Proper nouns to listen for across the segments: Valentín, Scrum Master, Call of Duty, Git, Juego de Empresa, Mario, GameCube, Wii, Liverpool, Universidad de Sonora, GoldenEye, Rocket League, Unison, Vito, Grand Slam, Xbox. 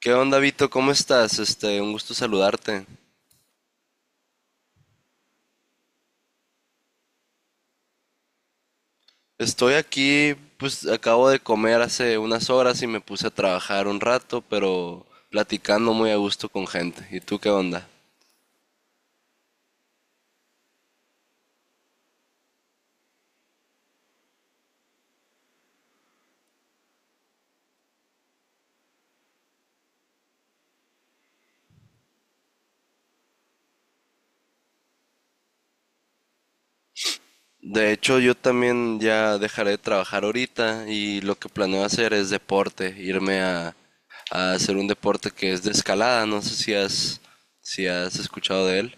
¿Qué onda, Vito? ¿Cómo estás? Un gusto saludarte. Estoy aquí, pues acabo de comer hace unas horas y me puse a trabajar un rato, pero platicando muy a gusto con gente. ¿Y tú qué onda? De hecho, yo también ya dejaré de trabajar ahorita y lo que planeo hacer es deporte, irme a hacer un deporte que es de escalada. No sé si has escuchado de él.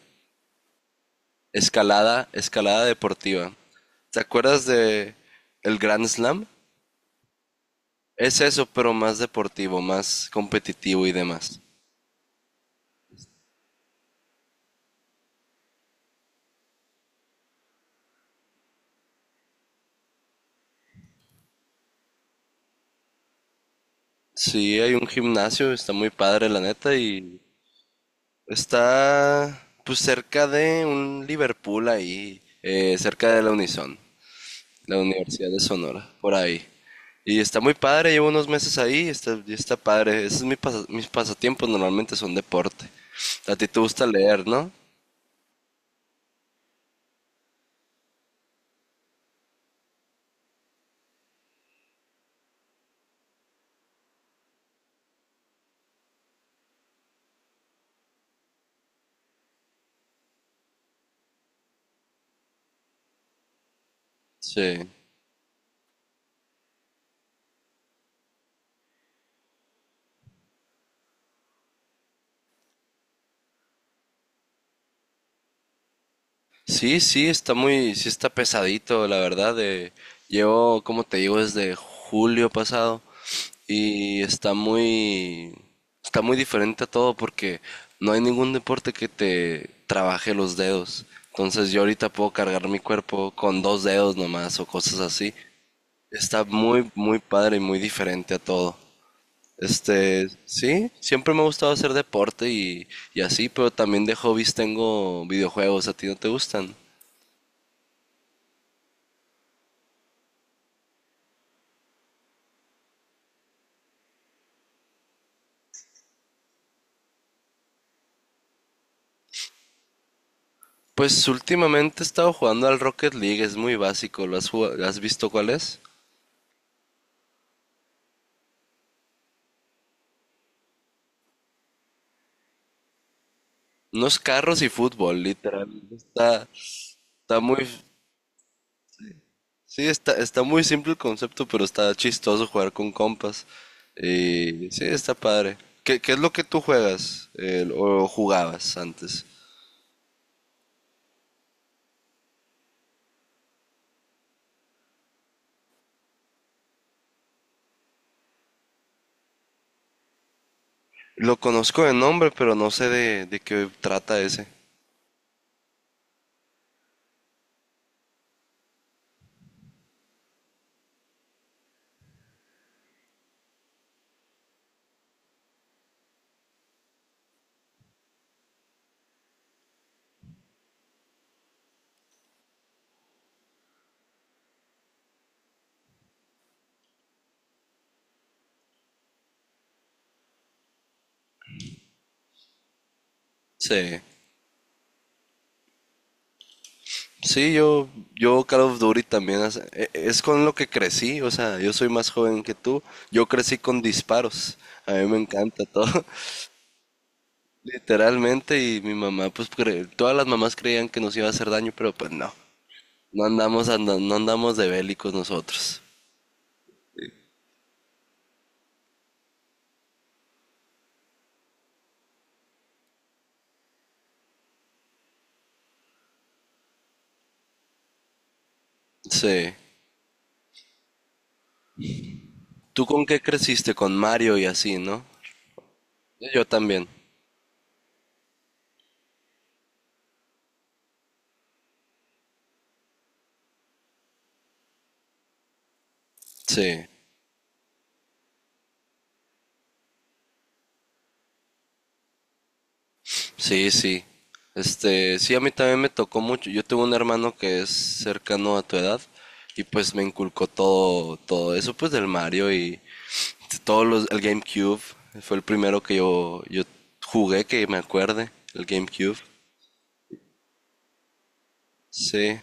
Escalada, escalada deportiva. ¿Te acuerdas de el Grand Slam? Es eso, pero más deportivo, más competitivo y demás. Sí, hay un gimnasio, está muy padre, la neta, y está pues cerca de un Liverpool ahí, cerca de la Unison, la Universidad de Sonora, por ahí. Y está muy padre, llevo unos meses ahí, está, y está padre. Esos es mis pasatiempos, normalmente son deporte. A ti te gusta leer, ¿no? Sí. Sí, sí, está muy, sí está pesadito, la verdad. Llevo, como te digo, desde julio pasado y está muy diferente a todo porque no hay ningún deporte que te trabaje los dedos. Entonces yo ahorita puedo cargar mi cuerpo con dos dedos nomás o cosas así. Está muy, muy padre y muy diferente a todo. Sí, siempre me ha gustado hacer deporte y así, pero también de hobbies tengo videojuegos. ¿A ti no te gustan? Pues últimamente he estado jugando al Rocket League, es muy básico. ¿Has visto cuál es? Unos carros y fútbol, literal. Está, está muy, sí, está, está muy simple el concepto, pero está chistoso jugar con compas. Y sí, está padre. ¿Qué, qué es lo que tú juegas o jugabas antes? Lo conozco de nombre, pero no sé de qué trata ese. Sí. Sí, yo Call of Duty también es con lo que crecí, o sea, yo soy más joven que tú, yo crecí con disparos, a mí me encanta todo, literalmente, y mi mamá, todas las mamás creían que nos iba a hacer daño, pero pues no, no andamos de bélicos nosotros. Sí, ¿tú con qué creciste? ¿Con Mario y así, no? Yo también, sí. Sí, sí. Sí, a mí también me tocó mucho. Yo tuve un hermano que es cercano a tu edad y pues me inculcó todo, todo eso pues del Mario y todos los, el GameCube. Fue el primero que yo jugué que me acuerde, el GameCube. Sí,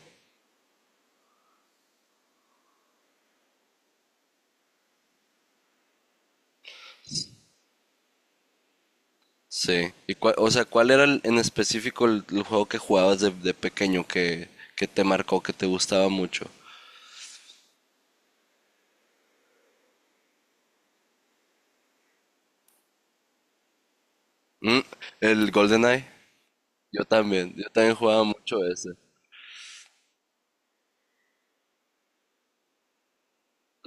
sí. O sea, ¿cuál era en específico el juego que jugabas de pequeño que te marcó, que te gustaba mucho? Mm, el GoldenEye. Yo también jugaba mucho ese.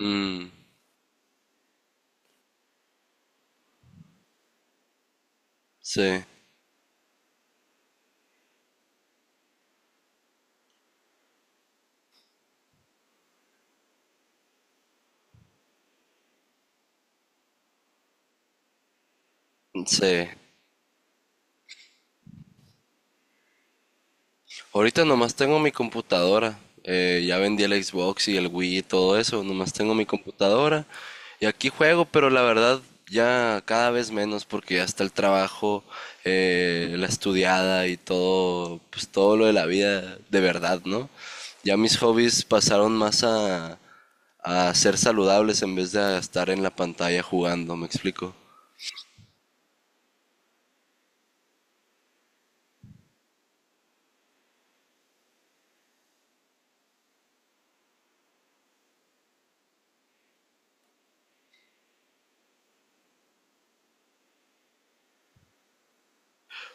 Mm, sí. Sí. Ahorita nomás tengo mi computadora. Ya vendí el Xbox y el Wii y todo eso. Nomás tengo mi computadora. Y aquí juego, pero la verdad ya cada vez menos porque ya está el trabajo, la estudiada y todo, pues todo lo de la vida de verdad, ¿no? Ya mis hobbies pasaron más a ser saludables en vez de a estar en la pantalla jugando, ¿me explico?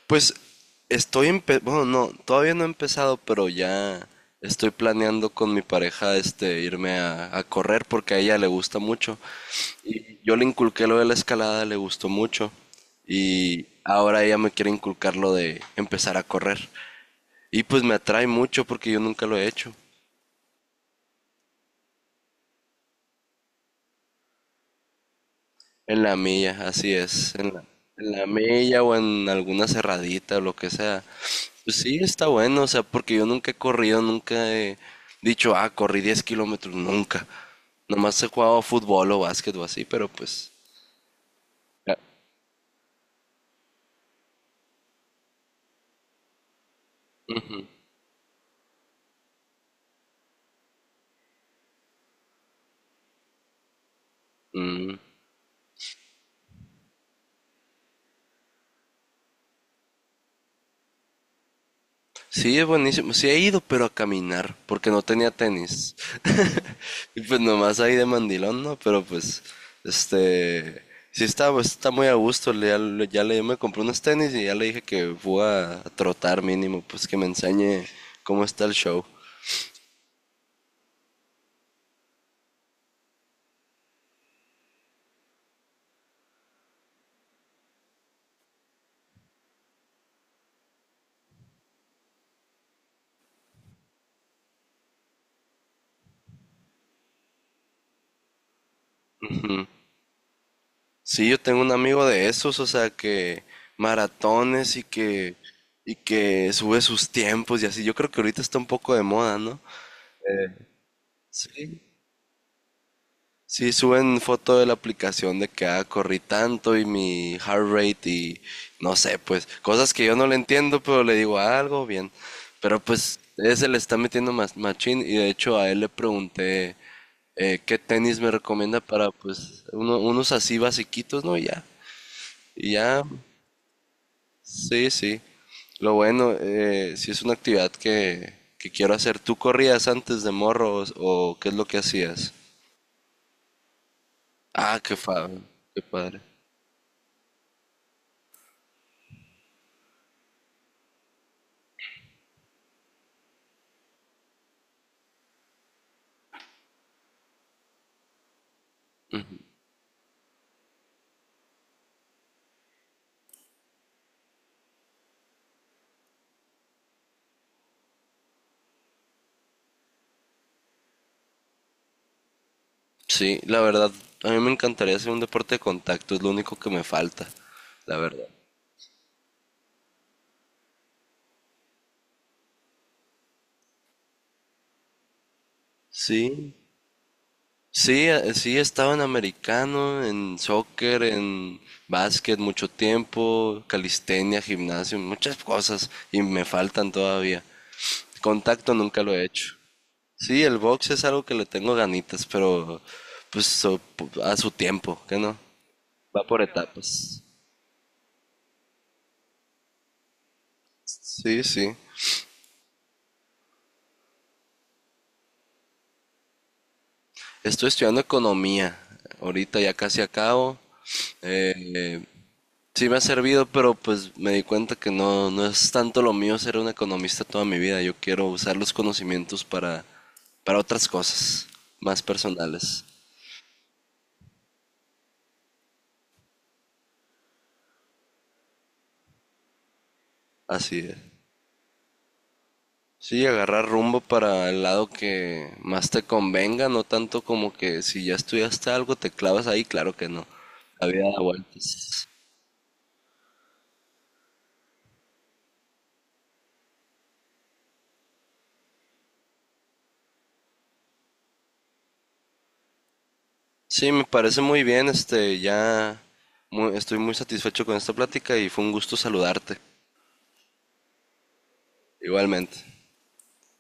Pues bueno, no, todavía no he empezado, pero ya estoy planeando con mi pareja este irme a correr porque a ella le gusta mucho. Y yo le inculqué lo de la escalada, le gustó mucho. Y ahora ella me quiere inculcar lo de empezar a correr. Y pues me atrae mucho porque yo nunca lo he hecho. En la milla, así es. En en la milla o en alguna cerradita o lo que sea. Pues sí, está bueno, o sea, porque yo nunca he corrido, nunca he dicho, ah, corrí 10 kilómetros, nunca. Nomás he jugado fútbol o básquet o así, pero pues... ah, mm. Sí, es buenísimo. Sí he ido, pero a caminar, porque no tenía tenis. Y pues nomás ahí de mandilón, ¿no? Pero pues, este, sí está, pues, está muy a gusto. Me compré unos tenis y ya le dije que voy a trotar mínimo, pues que me enseñe cómo está el show. Ujú. Sí, yo tengo un amigo de esos, o sea, que maratones y que sube sus tiempos y así. Yo creo que ahorita está un poco de moda, ¿no? Sí. Sí, suben foto de la aplicación de que ah, corrí tanto y mi heart rate y no sé, pues cosas que yo no le entiendo, pero le digo "Ah, algo bien. Pero pues ese le está metiendo más machín y de hecho a él le pregunté qué tenis me recomienda para pues unos así basiquitos, ¿no? Y ya. Y ya, sí, sí. Lo bueno, sí es una actividad que quiero hacer. ¿Tú corrías antes de morros o qué es lo que hacías? Ah, qué padre, qué padre. Sí, la verdad, a mí me encantaría hacer un deporte de contacto, es lo único que me falta, la verdad. Sí, sí, sí, he estado en americano, en soccer, en básquet mucho tiempo, calistenia, gimnasio, muchas cosas y me faltan todavía. Contacto nunca lo he hecho. Sí, el box es algo que le tengo ganitas, pero pues so- a su tiempo, ¿qué no? Va por etapas. Sí, sí. Estoy estudiando economía. Ahorita ya casi acabo. Eh, sí me ha servido, pero pues me di cuenta que no, no es tanto lo mío ser un economista toda mi vida. Yo quiero usar los conocimientos para otras cosas más personales. Así es. Sí, agarrar rumbo para el lado que más te convenga, no tanto como que si ya estudiaste algo te clavas ahí, claro que no. La vida da vueltas. Sí, me parece muy bien, ya estoy muy satisfecho con esta plática y fue un gusto saludarte. Igualmente.